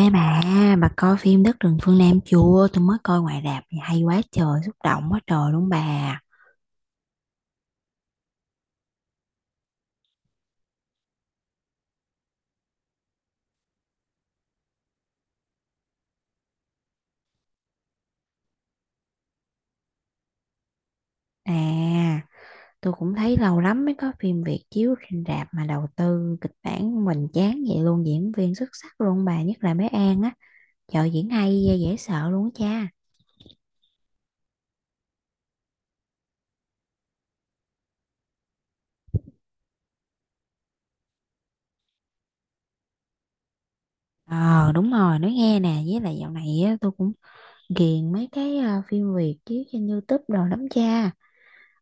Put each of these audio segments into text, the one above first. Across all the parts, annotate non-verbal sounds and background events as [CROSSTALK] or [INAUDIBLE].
Ê bà coi phim Đất rừng phương Nam chưa? Tôi mới coi ngoài rạp, hay quá trời, xúc động quá trời luôn bà. À, tôi cũng thấy lâu lắm mới có phim Việt chiếu trên rạp mà đầu tư kịch bản hoành chán vậy luôn, diễn viên xuất sắc luôn bà, nhất là bé An á. Trời diễn hay, dễ sợ luôn á cha. Ờ đúng rồi, nói nghe nè, với lại dạo này á, tôi cũng ghiền mấy cái phim Việt chiếu trên YouTube đồ lắm cha.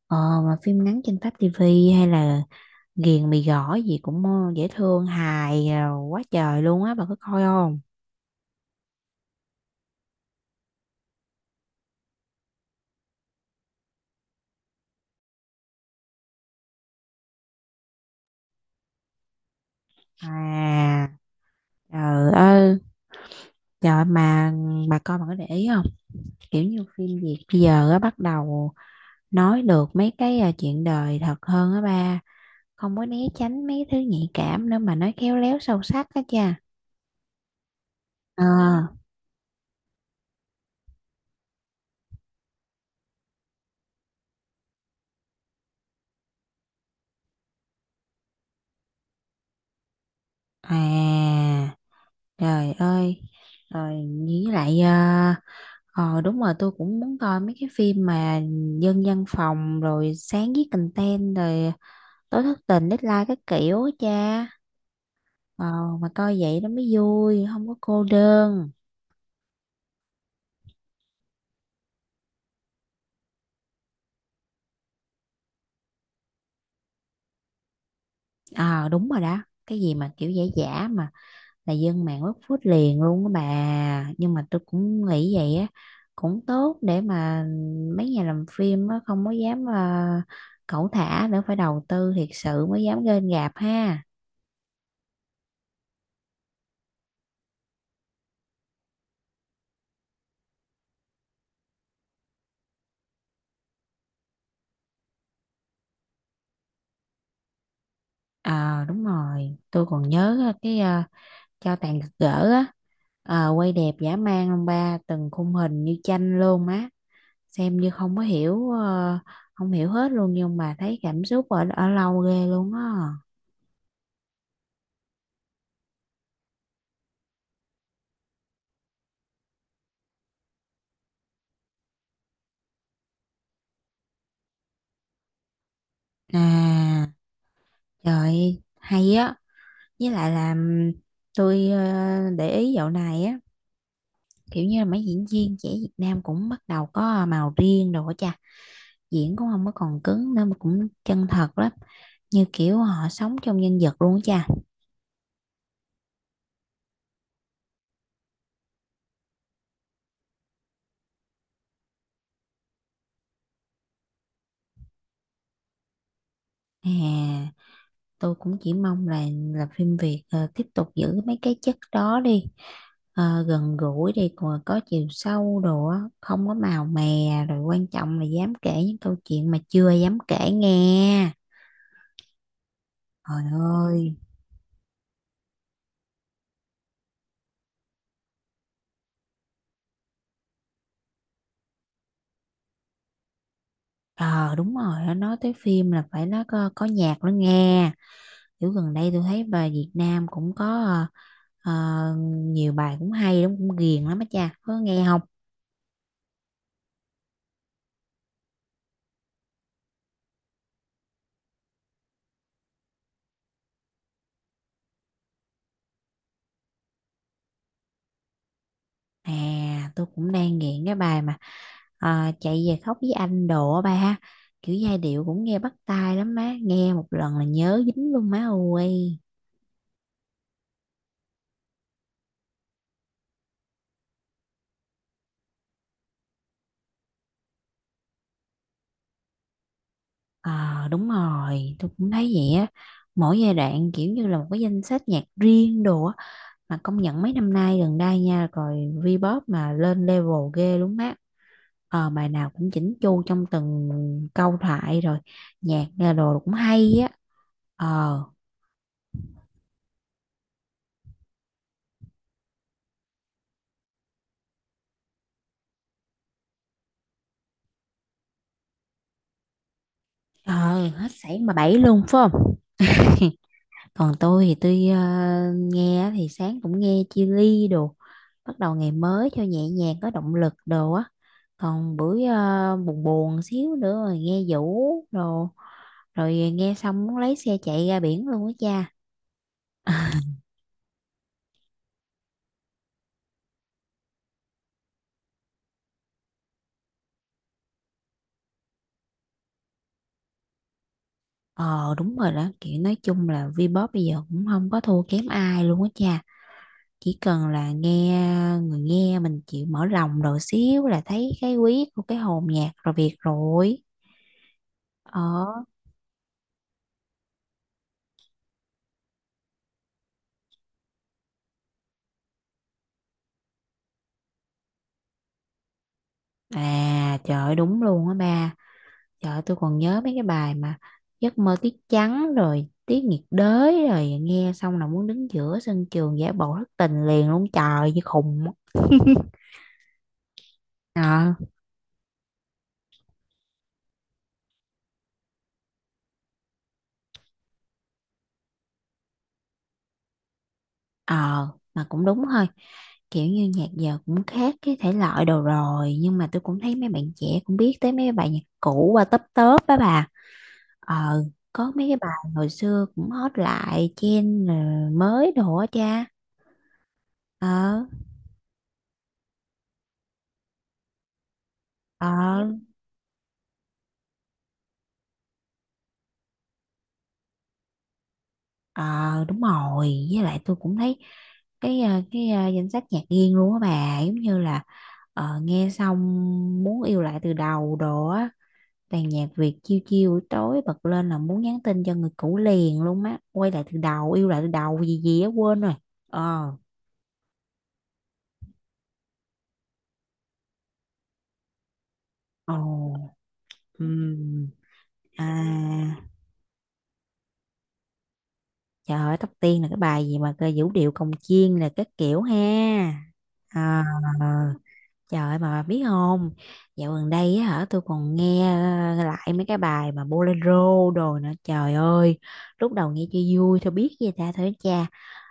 Ờ, mà phim ngắn trên Pháp TV hay là Ghiền mì gõ gì cũng dễ thương hài quá trời luôn á bà có coi không? À, trời ơi, trời mà bà coi bà có để ý không, kiểu như phim Việt bây giờ á bắt đầu nói được mấy cái chuyện đời thật hơn á ba, không có né tránh mấy thứ nhạy cảm nữa mà nói khéo léo sâu sắc á cha. Ờ, à trời ơi, rồi với lại ờ đúng rồi, tôi cũng muốn coi mấy cái phim mà dân văn phòng rồi sáng viết content rồi tối thất tình deadline các kiểu á cha. ờ mà coi vậy nó mới vui không có cô đơn. Ờ đúng rồi đó, cái gì mà kiểu giả giả mà là dân mạng quất phút liền luôn á bà, nhưng mà tôi cũng nghĩ vậy á, cũng tốt để mà mấy nhà làm phim á không có dám cẩu thả nữa, phải đầu tư thiệt sự mới dám lên gạp ha. Ờ đúng rồi, tôi còn nhớ á, cái cho tàn gật gỡ á, ờ, quay đẹp dã man ông ba, từng khung hình như tranh luôn á, xem như không có hiểu không hiểu hết luôn nhưng mà thấy cảm xúc ở ở lâu ghê luôn á. À, trời hay á, với lại là tôi để ý dạo này á, kiểu như là mấy diễn viên trẻ Việt Nam cũng bắt đầu có màu riêng rồi á cha. Diễn cũng không có còn cứng nữa mà cũng chân thật lắm, như kiểu họ sống trong nhân vật luôn á cha. À tôi cũng chỉ mong là phim Việt tiếp tục giữ mấy cái chất đó đi. Ờ, gần gũi đi còn có chiều sâu đồ á, không có màu mè, rồi quan trọng là dám kể những câu chuyện mà chưa dám kể nghe. Trời ơi, ờ à, đúng rồi, nói tới phim là phải nó có nhạc nữa nghe. Kiểu gần đây tôi thấy bài Việt Nam cũng có nhiều bài cũng hay lắm, cũng ghiền lắm á cha, có nghe không? À tôi cũng đang nghiện cái bài mà chạy về khóc với anh đồ á ba ha, kiểu giai điệu cũng nghe bắt tai lắm má, nghe một lần là nhớ dính luôn má ơi. Ờ đúng rồi tôi cũng thấy vậy á, mỗi giai đoạn kiểu như là một cái danh sách nhạc riêng đồ á, mà công nhận mấy năm nay gần đây nha rồi Vbop mà lên level ghê luôn má. Ờ, bài nào cũng chỉnh chu trong từng câu thoại rồi nhạc nghe đồ cũng hay á. Ờ, ờ hết sảy mà bảy luôn phải không? Còn tôi thì tôi nghe thì sáng cũng nghe chia ly đồ, bắt đầu ngày mới cho nhẹ nhàng có động lực đồ á, còn buổi buồn buồn xíu nữa rồi nghe Vũ đồ, rồi nghe xong muốn lấy xe chạy ra biển luôn á cha. [LAUGHS] Ờ đúng rồi đó, kiểu nói chung là Vbox bây giờ cũng không có thua kém ai luôn á cha, chỉ cần là nghe, người nghe mình chịu mở lòng rồi xíu là thấy cái quý của cái hồn nhạc rồi việc rồi. Ờ à trời ơi, đúng luôn á ba, trời ơi, tôi còn nhớ mấy cái bài mà giấc mơ tiết trắng rồi tiết nhiệt đới, rồi nghe xong là muốn đứng giữa sân trường giả bộ thất tình liền luôn, trời như khùng á. Ờ, ờ mà cũng đúng thôi, kiểu như nhạc giờ cũng khác cái thể loại đồ rồi, nhưng mà tôi cũng thấy mấy bạn trẻ cũng biết tới mấy bài nhạc cũ qua tấp tớp á bà. Ờ, có mấy cái bài hồi xưa cũng hot lại trên rồi mới đồ á cha. ờ ờ ờ Đúng rồi với lại tôi cũng thấy cái danh sách nhạc riêng luôn á bà, giống như là nghe xong muốn yêu lại từ đầu đồ á, toàn nhạc Việt chiêu chiêu buổi tối bật lên là muốn nhắn tin cho người cũ liền luôn á, quay lại từ đầu yêu lại từ đầu gì gì á quên rồi. Ờ, ồ, ừm, à, trời ơi, tóc tiên là cái bài gì mà cơ vũ điệu cồng chiên là các kiểu ha. À, trời ơi, mà bà biết không? Dạo gần đây á hả, tôi còn nghe lại mấy cái bài mà bolero đồ nữa. Trời ơi, lúc đầu nghe cho vui thôi biết gì ta thôi cha.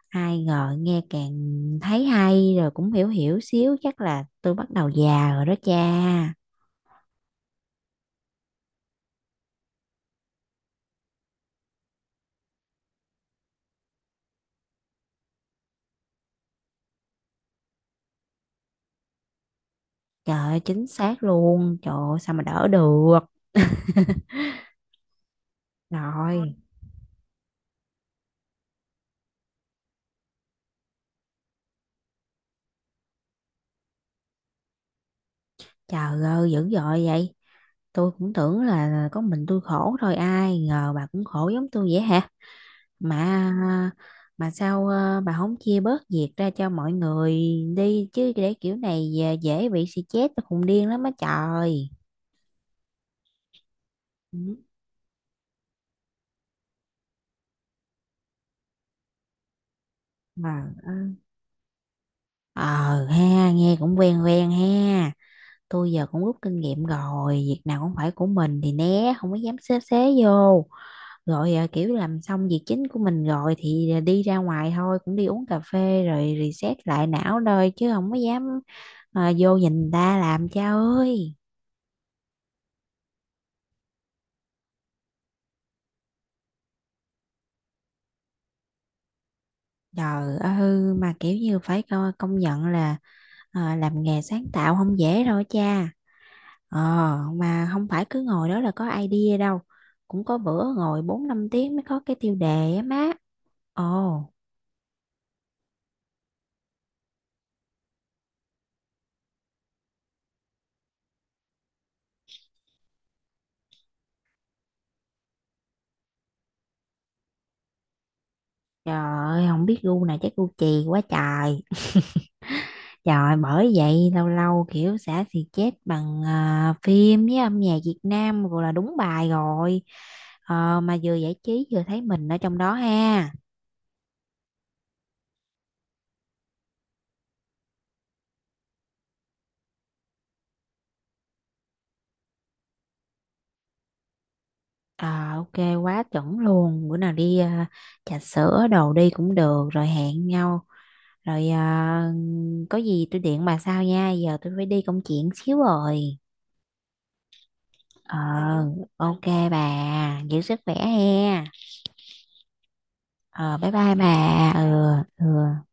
Ai ngờ nghe càng thấy hay rồi cũng hiểu hiểu xíu. Chắc là tôi bắt đầu già rồi đó cha. Trời ơi, chính xác luôn. Trời ơi, sao mà đỡ được. Rồi. Trời ơi, dữ dội vậy. Tôi cũng tưởng là có mình tôi khổ thôi, ai ngờ bà cũng khổ giống tôi vậy hả? Mà mà sao bà không chia bớt việc ra cho mọi người đi chứ, để kiểu này dễ dễ bị stress, tôi khùng điên lắm á trời. Ừ. Mà ờ ha, nghe cũng quen quen ha. Tôi giờ cũng rút kinh nghiệm rồi, việc nào cũng phải của mình thì né, không có dám xế xế vô. Rồi à, kiểu làm xong việc chính của mình rồi thì à, đi ra ngoài thôi, cũng đi uống cà phê rồi reset lại não thôi, chứ không có dám à, vô nhìn người ta làm cha ơi. Trời ơi mà kiểu như phải công nhận là à, làm nghề sáng tạo không dễ đâu cha. ờ mà không phải cứ ngồi đó là có idea đâu, cũng có bữa ngồi 4 5 tiếng mới có cái tiêu đề á má. Ồ, trời ơi, không biết gu này chắc gu chì quá trời. Trời bởi vậy lâu lâu kiểu xả thì chết bằng à, phim với âm nhạc Việt Nam rồi là đúng bài rồi. Ờ, mà vừa giải trí vừa thấy mình ở trong đó ha. Ờ, ok, quá chuẩn luôn, bữa nào đi à, trà sữa đồ đi cũng được, rồi hẹn nhau rồi à, có gì tôi điện bà sau nha, giờ tôi phải đi công chuyện xíu rồi. Ờ, ok, bà giữ sức khỏe he. Ờ, bye bye bà, ừ, ừ.